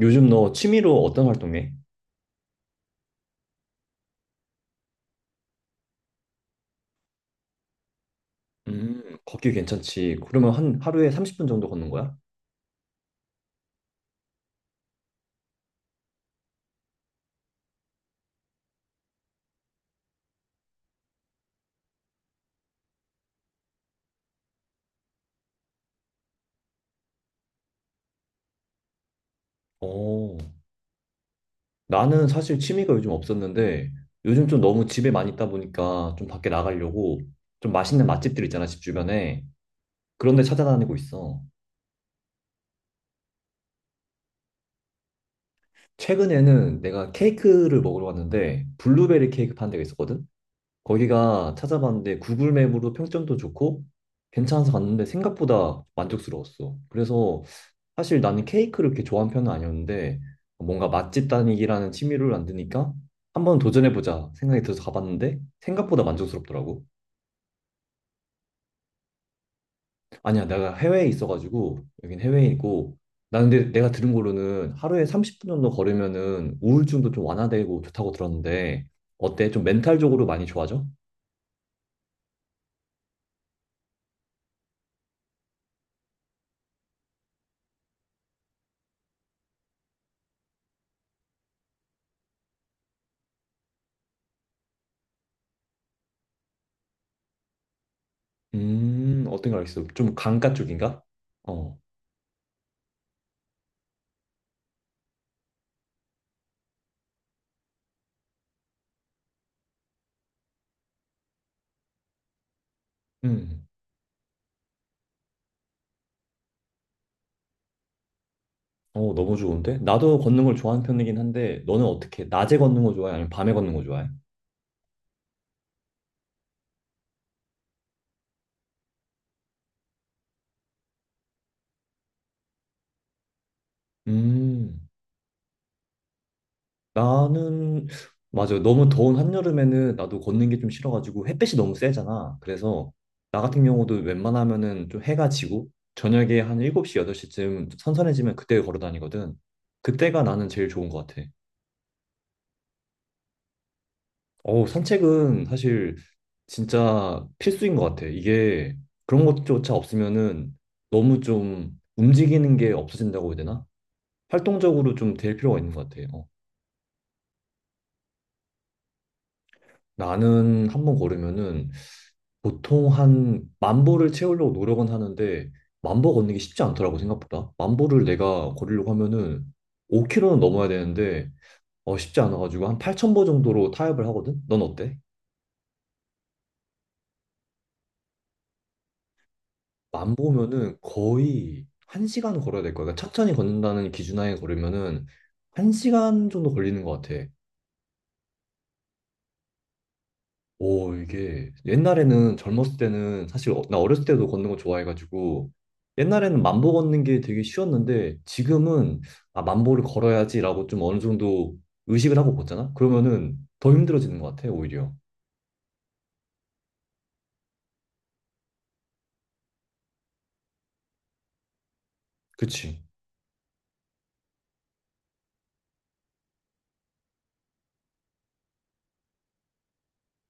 요즘 너 취미로 어떤 활동 해? 걷기 괜찮지? 그러면 한 하루에 30분 정도 걷는 거야? 어. 나는 사실 취미가 요즘 없었는데 요즘 좀 너무 집에 많이 있다 보니까 좀 밖에 나가려고 좀 맛있는 맛집들 있잖아, 집 주변에. 그런 데 찾아다니고 있어. 최근에는 내가 케이크를 먹으러 갔는데 블루베리 케이크 파는 데가 있었거든? 거기가 찾아봤는데 구글 맵으로 평점도 좋고 괜찮아서 갔는데 생각보다 만족스러웠어. 그래서 사실 나는 케이크를 그렇게 좋아하는 편은 아니었는데 뭔가 맛집 다니기라는 취미를 만드니까 한번 도전해보자 생각이 들어서 가봤는데 생각보다 만족스럽더라고. 아니야, 내가 해외에 있어가지고 여긴 해외이고, 나는 근데 내가 들은 거로는 하루에 30분 정도 걸으면은 우울증도 좀 완화되고 좋다고 들었는데 어때? 좀 멘탈적으로 많이 좋아져? 어떤 걸 알겠어. 좀 강가 쪽인가? 어, 음. 어, 너무 좋은데? 나도 걷는 걸 좋아하는 편이긴 한데, 너는 어떻게, 해? 낮에 걷는 거 좋아해? 아니면 밤에 걷는 거 좋아해? 음, 나는, 맞아. 요 너무 더운 한여름에는 나도 걷는 게 좀 싫어가지고 햇빛이 너무 세잖아. 그래서 나 같은 경우도 웬만하면은 좀 해가 지고 저녁에 한 7시, 8시쯤 선선해지면 그때 걸어 다니거든. 그때가 나는 제일 좋은 것 같아. 어우, 산책은 사실 진짜 필수인 것 같아. 이게 그런 것조차 없으면은 너무 좀 움직이는 게 없어진다고 해야 되나? 활동적으로 좀 될 필요가 있는 것 같아. 요 나는 한 번 걸으면은 보통 한 만보를 채우려고 노력은 하는데 만 보 걷는 게 쉽지 않더라고 생각보다. 만 보를 내가 걸으려고 하면은 5km는 넘어야 되는데 어 쉽지 않아가지고 한 8,000보 정도로 타협을 하거든. 넌 어때? 만 보면은 거의 1시간 걸어야 될 거야. 그러니까 천천히 걷는다는 기준하에 걸으면은 1시간 정도 걸리는 것 같아. 오, 이게 옛날에는 젊었을 때는 사실 나 어렸을 때도 걷는 거 좋아해가지고 옛날에는 만 보 걷는 게 되게 쉬웠는데 지금은 아, 만 보를 걸어야지라고 좀 어느 정도 의식을 하고 걷잖아? 그러면은 더 힘들어지는 것 같아, 오히려. 그치?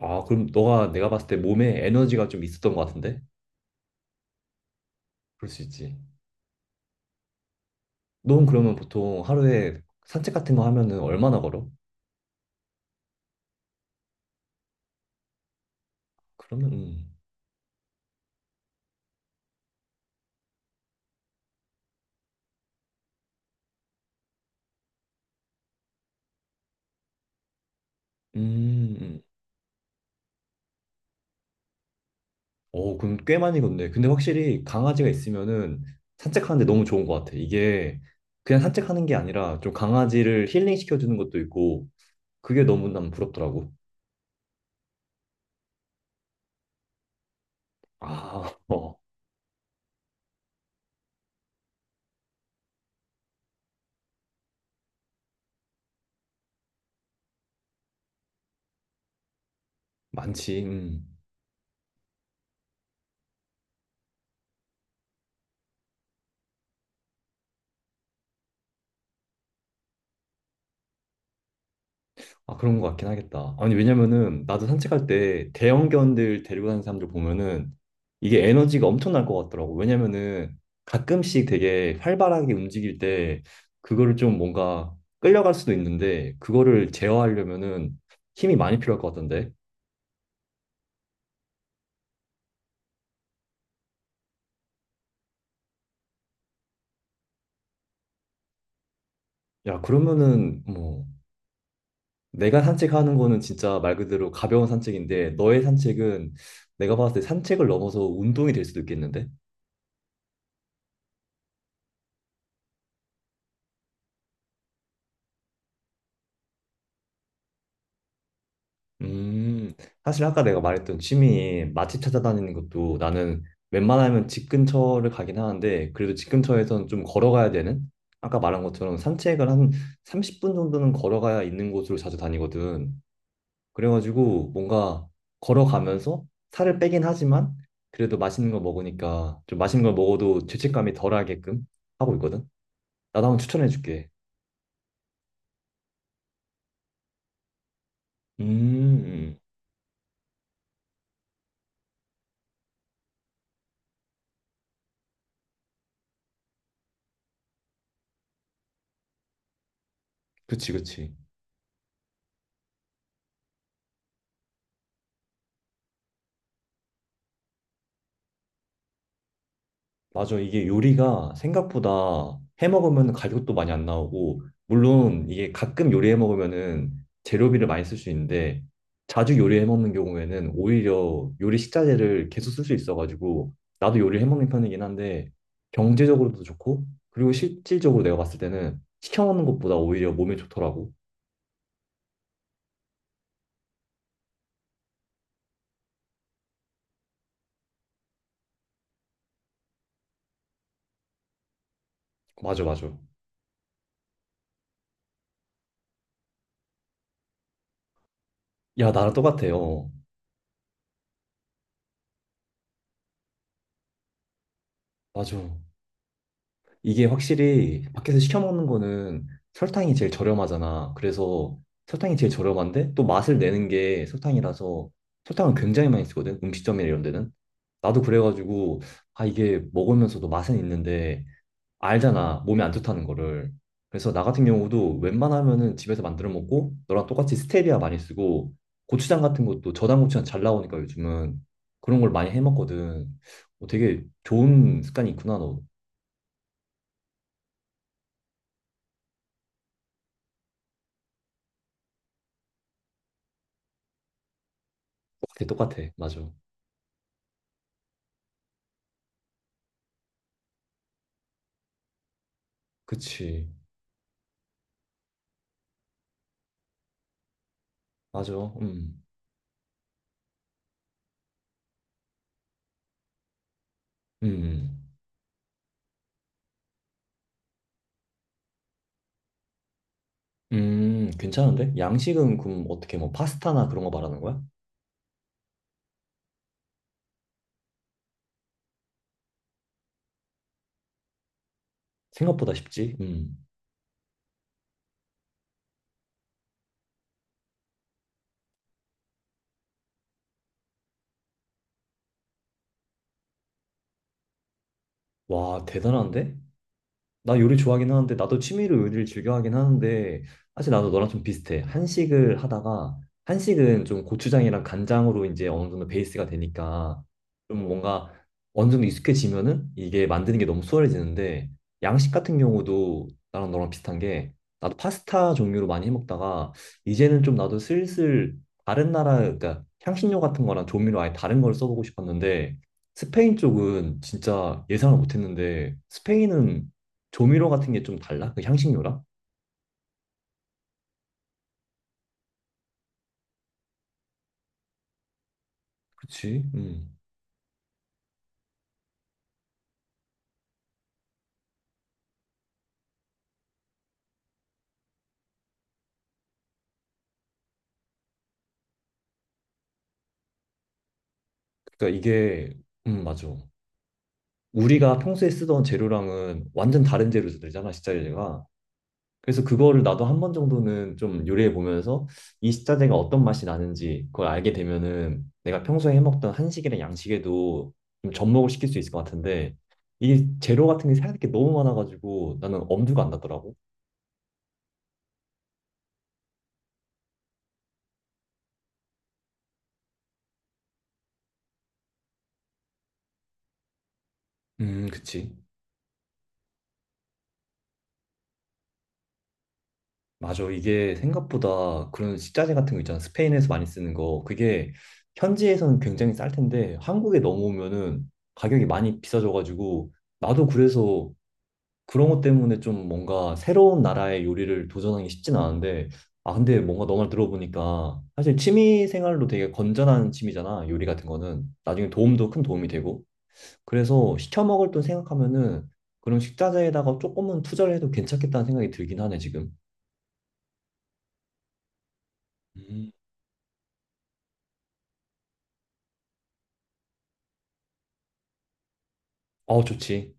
아, 그럼 너가 내가 봤을 때 몸에 에너지가 좀 있었던 것 같은데? 그럴 수 있지. 넌 그러면 보통 하루에 산책 같은 거 하면은 얼마나 걸어? 그러면, 음, 음. 오, 그럼 꽤 많이 걷네. 근데 확실히 강아지가 있으면은 산책하는데 너무 좋은 것 같아. 이게 그냥 산책하는 게 아니라 좀 강아지를 힐링시켜주는 것도 있고 그게 너무 난 부럽더라고. 아, 어, 많지. 음. 아, 그런 것 같긴 하겠다. 아니, 왜냐면은 나도 산책할 때 대형견들 데리고 다니는 사람들 보면은 이게 에너지가 엄청날 것 같더라고. 왜냐면은 가끔씩 되게 활발하게 움직일 때 그거를 좀 뭔가 끌려갈 수도 있는데 그거를 제어하려면은 힘이 많이 필요할 것 같던데. 야, 그러면은 뭐 내가 산책하는 거는 진짜 말 그대로 가벼운 산책인데 너의 산책은 내가 봤을 때 산책을 넘어서 운동이 될 수도 있겠는데? 음, 사실 아까 내가 말했던 취미 맛집 찾아다니는 것도 나는 웬만하면 집 근처를 가긴 하는데 그래도 집 근처에선 좀 걸어가야 되는, 아까 말한 것처럼 산책을 한 30분 정도는 걸어가야 있는 곳으로 자주 다니거든. 그래가지고 뭔가 걸어가면서 살을 빼긴 하지만 그래도 맛있는 거 먹으니까 좀 맛있는 걸 먹어도 죄책감이 덜하게끔 하고 있거든. 나도 한번 추천해줄게. 음, 음, 음. 그치, 그치. 맞아. 이게 요리가 생각보다 해 먹으면 가격도 많이 안 나오고, 물론 이게 가끔 요리해 먹으면은 재료비를 많이 쓸 수 있는데, 자주 요리해 먹는 경우에는 오히려 요리 식자재를 계속 쓸 수 있어가지고, 나도 요리해 먹는 편이긴 한데, 경제적으로도 좋고, 그리고 실질적으로 내가 봤을 때는 시켜 먹는 것보다 오히려 몸에 좋더라고. 맞아, 맞아. 야, 나랑 똑같아요. 맞아. 이게 확실히 밖에서 시켜 먹는 거는 설탕이 제일 저렴하잖아. 그래서 설탕이 제일 저렴한데 또 맛을 내는 게 설탕이라서 설탕을 굉장히 많이 쓰거든. 음식점이나 이런 데는. 나도 그래가지고 아 이게 먹으면서도 맛은 있는데 알잖아. 몸에 안 좋다는 거를. 그래서 나 같은 경우도 웬만하면은 집에서 만들어 먹고 너랑 똑같이 스테비아 많이 쓰고 고추장 같은 것도 저당 고추장 잘 나오니까 요즘은 그런 걸 많이 해 먹거든. 어, 되게 좋은 습관이 있구나 너. 똑같아, 똑같아, 맞아. 그치. 맞아. 음. 음. 괜찮은데? 양식은 그럼 어떻게 뭐 파스타나 그런 거 말하는 거야? 생각보다 쉽지. 음. 와, 대단한데? 나 요리 좋아하긴 하는데 나도 취미로 요리를 즐겨 하긴 하는데 사실 나도 너랑 좀 비슷해. 한식을 하다가 한식은 좀 고추장이랑 간장으로 이제 어느 정도 베이스가 되니까 좀 뭔가 어느 정도 익숙해지면은 이게 만드는 게 너무 수월해지는데 양식 같은 경우도 나랑 너랑 비슷한 게 나도 파스타 종류로 많이 해 먹다가 이제는 좀 나도 슬슬 다른 나라 그러니까 향신료 같은 거랑 조미료 아예 다른 걸 써보고 싶었는데 스페인 쪽은 진짜 예상을 못 했는데 스페인은 조미료 같은 게 좀 달라? 그 향신료랑? 그치? 음. 그러니까 이게 맞아. 우리가 평소에 쓰던 재료랑은 완전 다른 재료 들잖아 식자재가. 그래서 그거를 나도 한 번 정도는 좀 요리해 보면서 이 식자재가 어떤 맛이 나는지 그걸 알게 되면은 내가 평소에 해먹던 한식이랑 양식에도 좀 접목을 시킬 수 있을 것 같은데 이게 재료 같은 게 생각할 게 너무 많아가지고 나는 엄두가 안 나더라고. 그치. 맞아. 이게 생각보다 그런 식자재 같은 거 있잖아. 스페인에서 많이 쓰는 거. 그게 현지에서는 굉장히 쌀 텐데 한국에 넘어오면은 가격이 많이 비싸져가지고 나도 그래서 그런 것 때문에 좀 뭔가 새로운 나라의 요리를 도전하기 쉽진 않은데 아 근데 뭔가 너 말 들어보니까 사실 취미 생활로 되게 건전한 취미잖아. 요리 같은 거는 나중에 도움도 큰 도움이 되고 그래서 시켜 먹을 돈 생각하면은 그런 식자재에다가 조금은 투자를 해도 괜찮겠다는 생각이 들긴 하네 지금. 음. 어, 좋지.